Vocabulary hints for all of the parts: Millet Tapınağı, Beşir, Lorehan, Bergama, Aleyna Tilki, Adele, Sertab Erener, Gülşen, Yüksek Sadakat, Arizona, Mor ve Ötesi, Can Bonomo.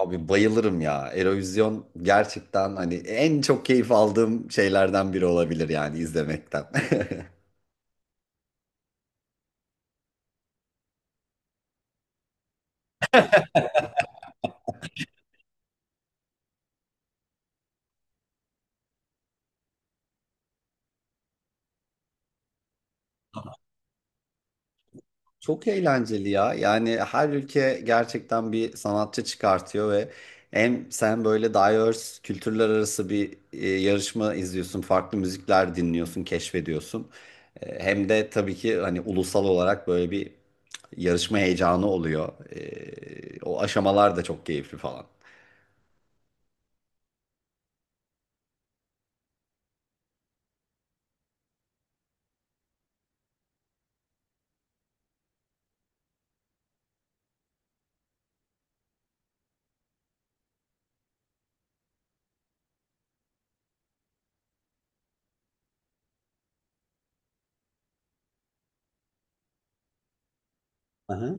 Abi bayılırım ya. Eurovision gerçekten hani en çok keyif aldığım şeylerden biri olabilir yani izlemekten. Çok eğlenceli ya. Yani her ülke gerçekten bir sanatçı çıkartıyor ve hem sen böyle diverse kültürler arası bir yarışma izliyorsun, farklı müzikler dinliyorsun, keşfediyorsun. Hem de tabii ki hani ulusal olarak böyle bir yarışma heyecanı oluyor. O aşamalar da çok keyifli falan. Aha.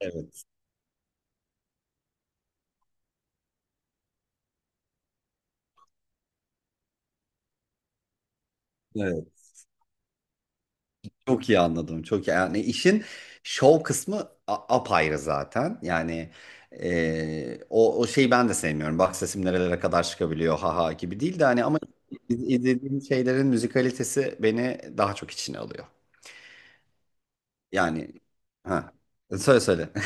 Evet. Evet. Çok iyi anladım. Çok iyi. Yani işin şov kısmı apayrı zaten. Yani o şeyi ben de sevmiyorum. Bak sesim nerelere kadar çıkabiliyor haha gibi değil de hani ama izlediğim şeylerin müzikalitesi beni daha çok içine alıyor. Yani ha. Söyle söyle.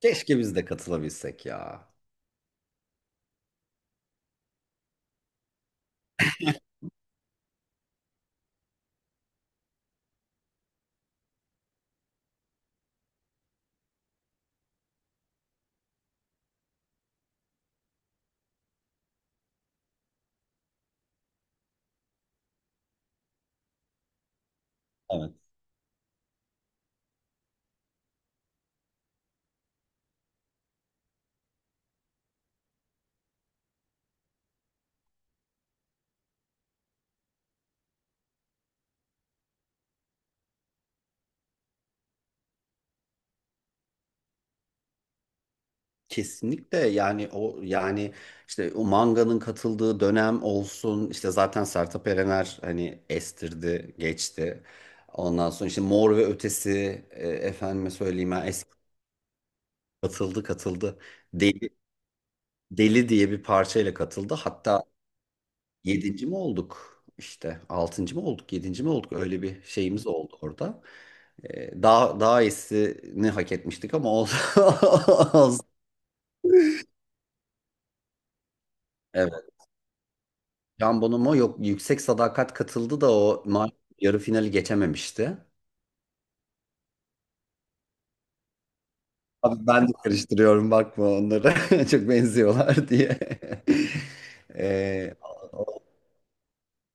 Keşke biz de katılabilsek ya. Evet. Kesinlikle yani o yani işte o manganın katıldığı dönem olsun işte zaten Sertab Erener hani estirdi geçti. Ondan sonra işte Mor ve Ötesi efendime söyleyeyim ben eski katıldı. Deli, Deli diye bir parçayla katıldı. Hatta yedinci mi olduk işte altıncı mı olduk yedinci mi olduk öyle bir şeyimiz oldu orada. Daha daha iyisini hak etmiştik ama olsun. Evet. Can Bonomo yok, Yüksek Sadakat katıldı da yarı finali geçememişti. Abi ben de karıştırıyorum, bakma onları çok benziyorlar diye. Ee,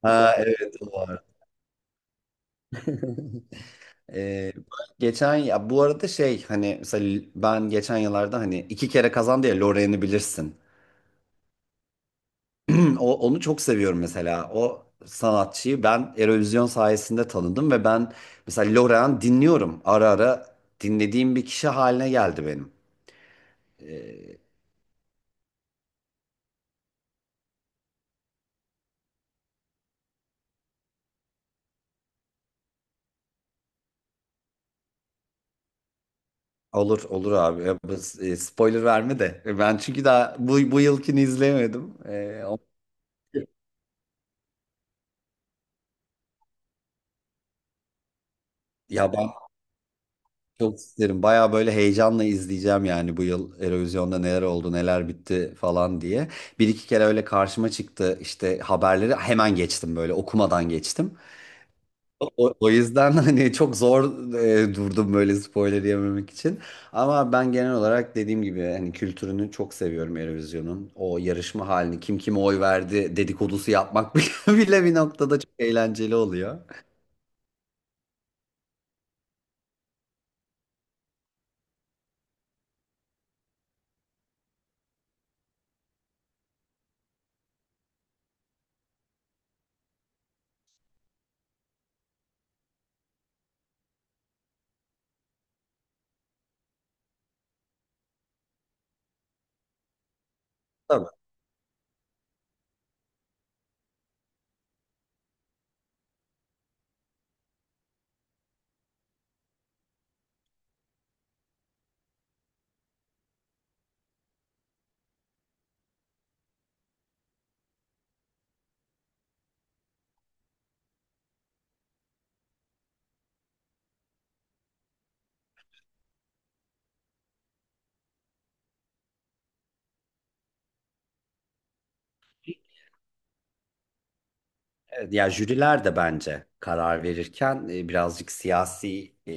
ha evet o var. Ee, geçen ya bu arada şey hani mesela ben geçen yıllarda hani iki kere kazandı ya Lorraine'i bilirsin. Onu çok seviyorum mesela. O sanatçıyı ben Eurovision sayesinde tanıdım ve ben mesela Lorehan dinliyorum. Ara ara dinlediğim bir kişi haline geldi benim. Ee, olur olur abi. Spoiler verme de. Ben çünkü daha bu yılkini izleyemedim. Ya ben çok isterim. Baya böyle heyecanla izleyeceğim yani bu yıl Eurovision'da neler oldu, neler bitti falan diye. Bir iki kere öyle karşıma çıktı işte haberleri hemen geçtim böyle okumadan geçtim. O yüzden hani çok zor durdum böyle spoiler yememek için. Ama ben genel olarak dediğim gibi hani kültürünü çok seviyorum Eurovision'un. O yarışma halini kim kime oy verdi dedikodusu yapmak bile bir noktada çok eğlenceli oluyor. Tabii. Evet, ya jüriler de bence karar verirken birazcık siyasi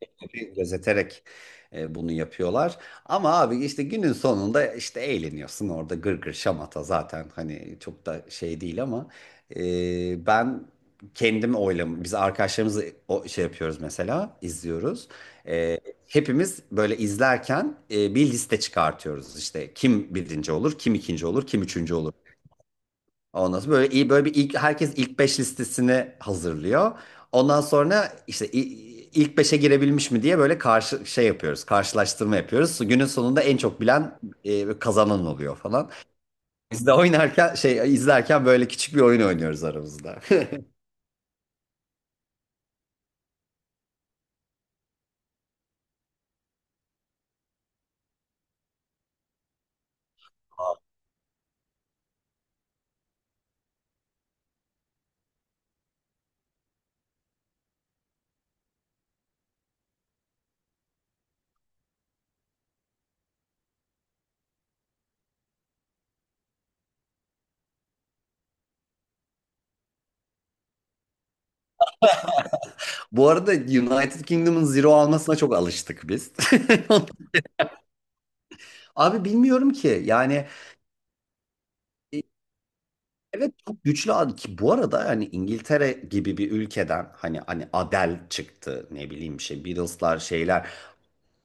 etkileri gözeterek bunu yapıyorlar. Ama abi işte günün sonunda işte eğleniyorsun orada gır gır şamata zaten hani çok da şey değil ama ben kendim oylam biz arkadaşlarımızla o şey yapıyoruz mesela izliyoruz. E, hepimiz böyle izlerken bir liste çıkartıyoruz işte kim birinci olur, kim ikinci olur, kim üçüncü olur. Ondan sonra böyle iyi böyle bir ilk, herkes ilk 5 listesini hazırlıyor. Ondan sonra işte ilk beşe girebilmiş mi diye böyle karşı şey yapıyoruz. Karşılaştırma yapıyoruz. Günün sonunda en çok bilen kazanan oluyor falan. Biz de oynarken şey izlerken böyle küçük bir oyun oynuyoruz aramızda. Bu arada United Kingdom'ın zero almasına çok alıştık biz. Abi bilmiyorum ki yani evet çok güçlü ad ki bu arada hani İngiltere gibi bir ülkeden hani hani Adele çıktı, ne bileyim şey Beatles'lar şeyler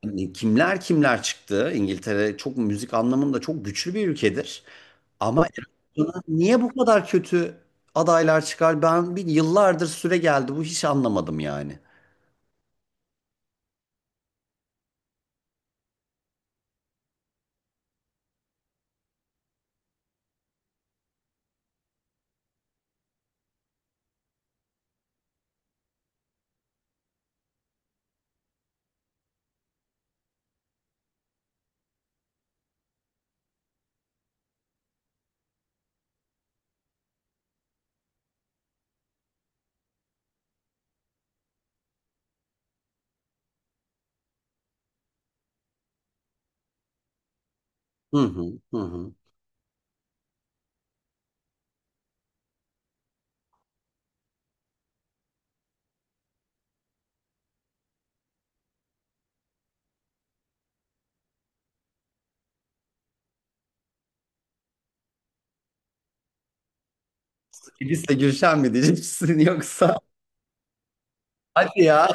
hani kimler kimler çıktı. İngiltere çok müzik anlamında çok güçlü bir ülkedir ama Erasmus'a niye bu kadar kötü adaylar çıkar, ben bir yıllardır süre geldi bu hiç anlamadım yani. Hı hı, hı hı. Elis'le Gülşen mi diyeceksin yoksa? Hadi ya.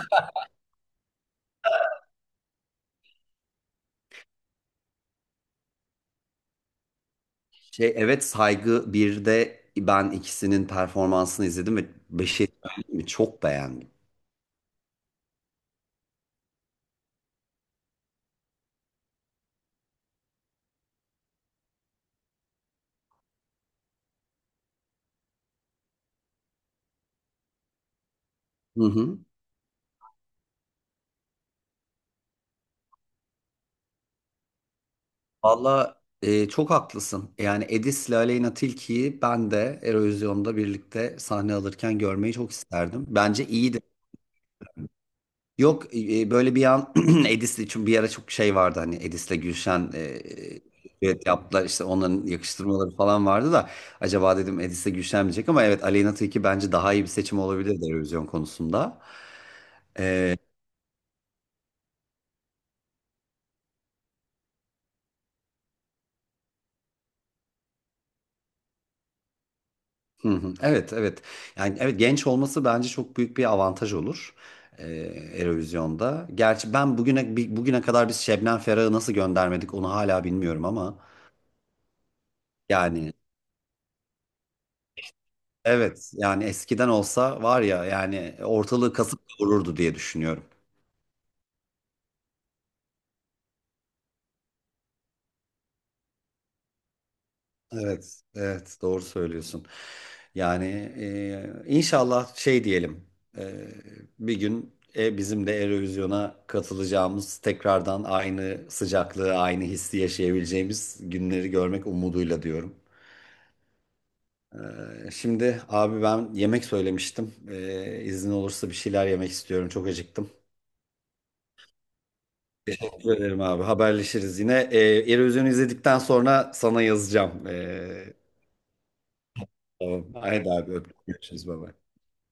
Şey evet saygı bir de ben ikisinin performansını izledim ve Beşir mi çok beğendim. Hı hı. Valla çok haklısın. Yani Edis'le Aleyna Tilki'yi ben de Eurovision'da birlikte sahne alırken görmeyi çok isterdim. Bence iyiydi. Yok böyle bir an Edis'le için bir ara çok şey vardı hani evet yaptılar işte onların yakıştırmaları falan vardı da acaba dedim Edis'le Gülşen mi diyecek ama evet Aleyna Tilki bence daha iyi bir seçim olabilirdi Eurovision konusunda. Hı hı. Evet, evet. Yani evet genç olması bence çok büyük bir avantaj olur. Ee, Eurovision'da. Gerçi ben bugüne bugüne kadar biz Şebnem Ferah'ı nasıl göndermedik onu hala bilmiyorum ama yani evet yani eskiden olsa var ya yani ortalığı kasıp kavururdu diye düşünüyorum. Evet, evet doğru söylüyorsun. Yani inşallah şey diyelim e, bir gün bizim de Eurovision'a katılacağımız, tekrardan aynı sıcaklığı, aynı hissi yaşayabileceğimiz günleri görmek umuduyla diyorum. Şimdi abi ben yemek söylemiştim. İzin olursa bir şeyler yemek istiyorum. Çok acıktım. Teşekkür ederim abi. Haberleşiriz yine. Eurovision'u izledikten sonra sana yazacağım. Tamam. Haydi abi öptüm. Görüşürüz baba.